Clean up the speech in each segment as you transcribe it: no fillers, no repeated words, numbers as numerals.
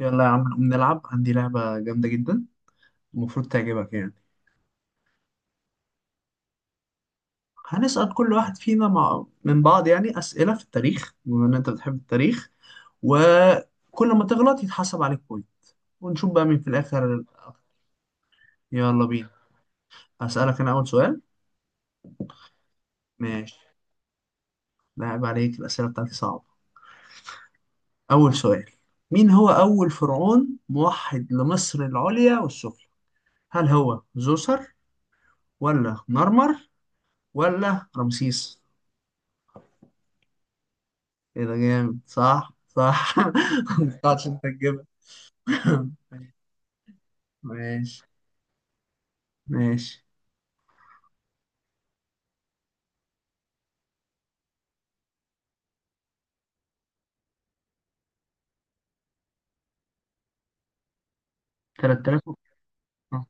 يلا يا عم، نقوم نلعب. عندي لعبة جامدة جدا المفروض تعجبك يعني. هنسأل كل واحد فينا مع من بعض يعني أسئلة في التاريخ، بما إن أنت بتحب التاريخ، وكل ما تغلط يتحسب عليك بوينت ونشوف بقى مين في الآخر. يلا بينا. هسألك أنا أول سؤال. ماشي. لعب عليك، الأسئلة بتاعتي صعبة. أول سؤال: مين هو أول فرعون موحد لمصر العليا والسفلى؟ هل هو زوسر ولا مرمر ولا رمسيس؟ ايه ده جامد، صح صح ما توقعتش انت تجيبها. ماشي. ماشي. 3000 آه،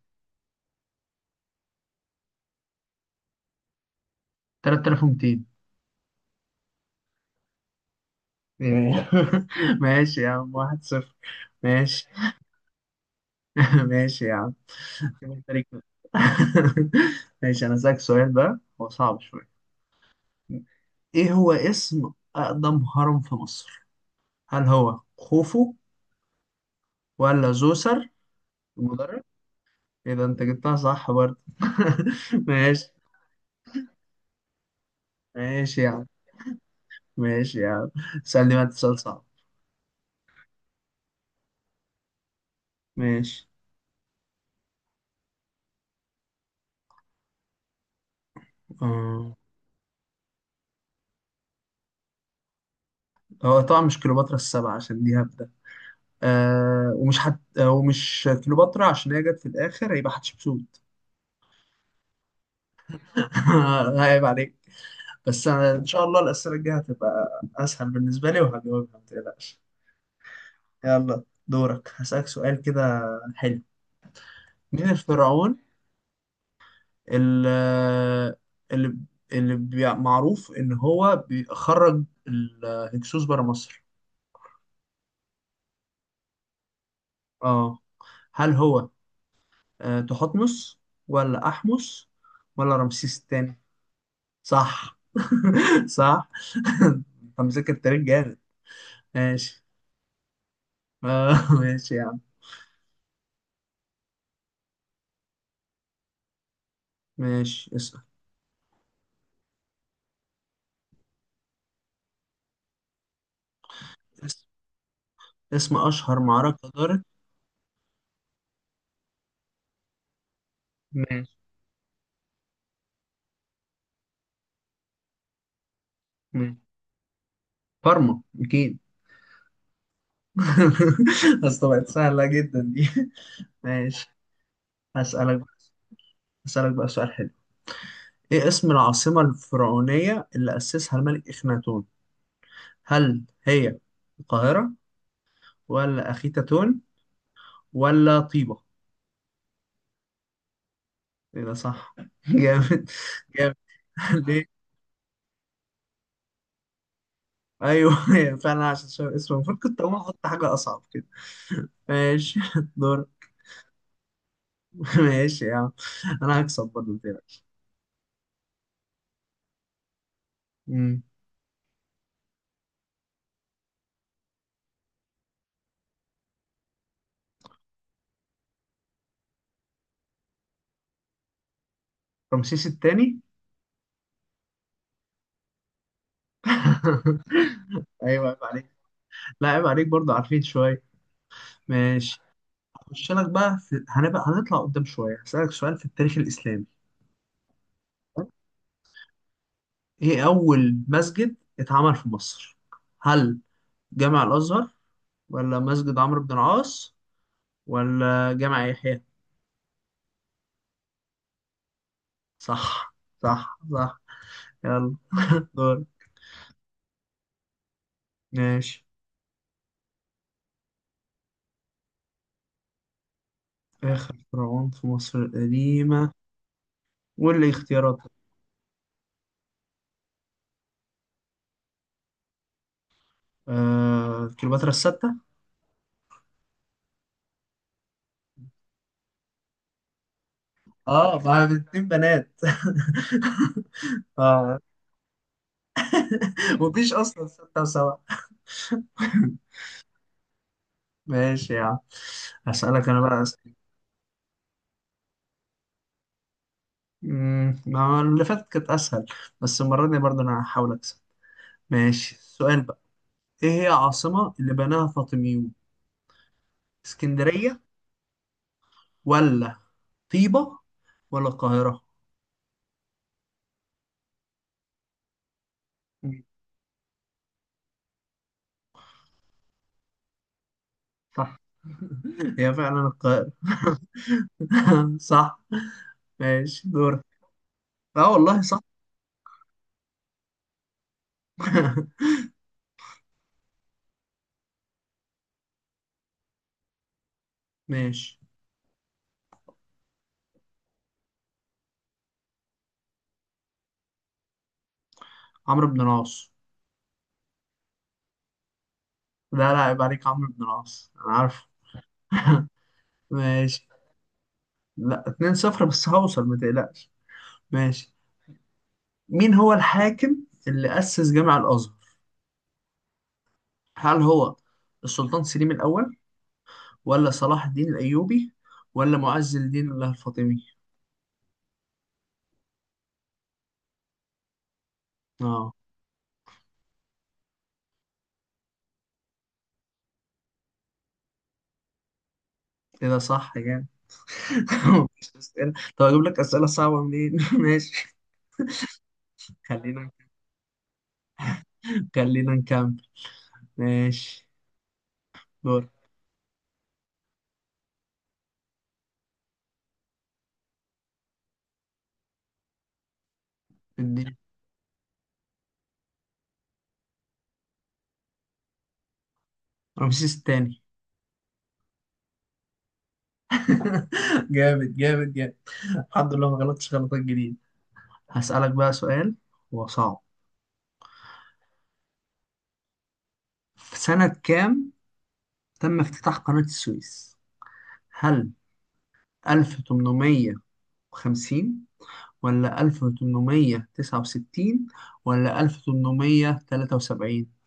3200. إيه. ماشي يا عم، واحد صفر. ماشي. ماشي يا عم. كده أنت ليك نقطة. ماشي، انا اسالك سؤال بقى هو صعب شويه. ايه هو اسم اقدم هرم في مصر؟ هل هو خوفو ولا زوسر المدرج؟ ايه ده، انت جبتها صح برضه. ماشي. ماشي يا عم. ماشي يا عم، سألني بقى سؤال صعب. ماشي. آه. هو طبعا مش كليوباترا السبعة عشان دي هبدة. آه. ومش كليوباترا عشان هي جت في الآخر، هيبقى حتشبسوت. عيب عليك. بس أنا إن شاء الله الأسئلة الجاية هتبقى أسهل بالنسبة لي وهجاوبها ما تقلقش. يلا دورك، هسألك سؤال كده حلو. مين الفرعون اللي اللي, اللي معروف إن هو بيخرج الهكسوس بره مصر؟ اه. هل هو تحتمس ولا أحمس ولا رمسيس الثاني؟ صح صح. انت مذاكر التاريخ جامد. ماشي. ماشي يا عم. ماشي، اسأل. اس- اسم أشهر معركة دارت. ماشي. ماشي. كارما أكيد. أصل بقت سهلة جدا دي. ماشي. هسألك بقى هسألك بقى سؤال حلو. إيه اسم العاصمة الفرعونية اللي أسسها الملك إخناتون؟ هل هي القاهرة ولا أخيتاتون ولا طيبة؟ ايه ده صح جامد جامد. ليه؟ ايوه، هي فعلا عشان شبه اسمه. المفروض كنت اقوم احط حاجه اصعب كده. ماشي دور. ماشي يا عم، انا هكسب برضه متقلقش. أمم. رمسيس التاني. ايوه عيب عليك. لا عيب عليك، برضه عارفين شويه. ماشي، هخش لك بقى هنبقى هنطلع قدام شويه. هسألك سؤال في التاريخ الاسلامي. ايه اول مسجد اتعمل في مصر؟ هل جامع الازهر ولا مسجد عمرو بن العاص ولا جامع يحيى؟ صح. صح صح. يلا دور. ماشي. آخر فرعون في مصر القديمة؟ واللي اختيارات؟ آه... كليوباترا الستة. اه ما هي اتنين بنات. اه. مفيش اصلا ستة وسبعة. ماشي يا عم. هسألك انا بقى أسئلة. أمم، ما اللي فاتت كانت اسهل، بس المرة دي برضه انا هحاول اكسب. ماشي، السؤال بقى. ايه هي عاصمة اللي بناها فاطميون؟ اسكندرية ولا طيبة ولا القاهرة؟ صح. هي فعلا القاهرة. صح. ماشي دورك. اه والله صح. ماشي. عمرو بن العاص. لا لا، عيب عليك. عمرو بن العاص، انا عارف. ماشي. لا 2 صفر، بس هوصل ما تقلقش. ماشي. مين هو الحاكم اللي أسس جامع الأزهر؟ هل هو السلطان سليم الأول ولا صلاح الدين الأيوبي ولا معز الدين الله الفاطمي؟ اه كده صح يعني. طب اجيب لك أسئلة صعبة منين؟ ماشي. خلينا خلينا نكمل. ماشي دور. اديني. رمسيس التاني. جامد جامد جامد. الحمد لله ما غلطتش غلطات جديدة. هسألك بقى سؤال، هو صعب. في سنة كام تم افتتاح قناة السويس؟ هل 1850 ولا 1869 ولا 1873؟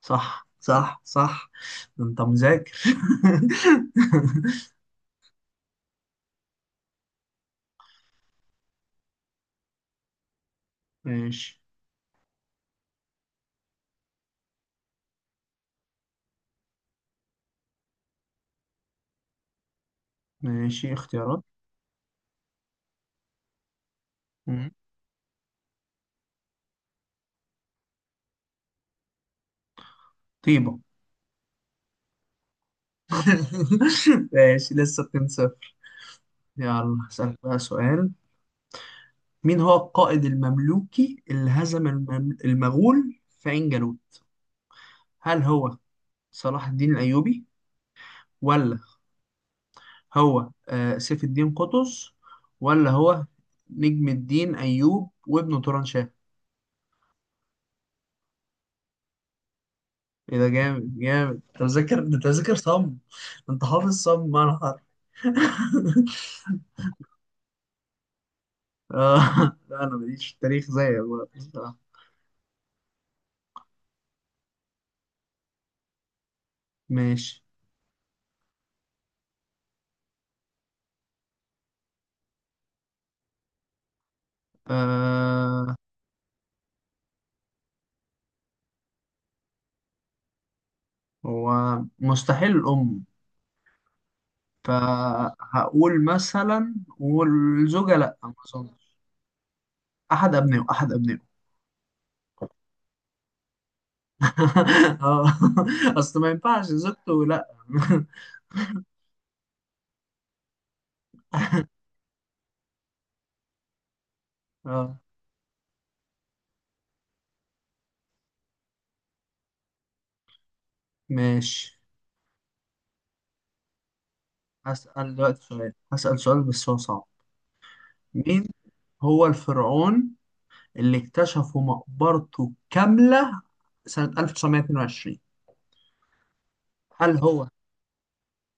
صح صح صح. ده انت مذاكر. ماشي. ماشي، اختيارات. مم. طيبة. ماشي، لسه 2-0. يلا اسألك بقى سؤال. مين هو القائد المملوكي اللي هزم المغول في عين جالوت؟ هل هو صلاح الدين الأيوبي ولا هو سيف الدين قطز ولا هو نجم الدين أيوب وابنه توران شاه؟ ايه ده جامد جامد، انت مذاكر، انت مذاكر صم. انت حافظ صم معنى حرف. آه. لا انا ماليش في التاريخ زيك بقى بصراحة. ماشي. آه. هو مستحيل الأم، فهقول مثلا والزوجة لأ ما أظنش. أحد أبنائه. اه. أصل ما ينفعش زوجته لأ. اه. ماشي. هسأل سؤال بس هو صعب. مين هو الفرعون اللي اكتشفوا مقبرته كاملة سنة 1922؟ هل هو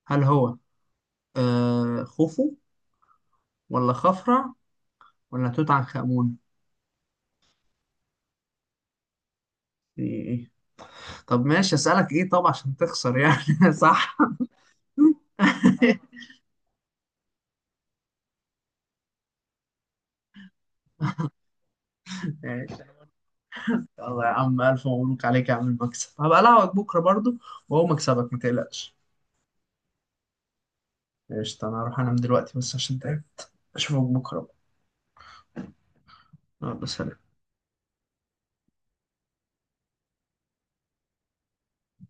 هل هو خوفو ولا خفرع ولا توت عنخ آمون؟ إيه. إيه. طب ماشي، اسألك ايه طب عشان تخسر يعني؟ صح. ماشي. يلا يا عم، ألف مبروك عليك يا عم المكسب. هبقى ألعبك بكرة برضو وهو مكسبك متقلقش. قشطة. أنا هروح أنام دلوقتي بس عشان تعب. أشوفك بكرة بقى. يلا سلام.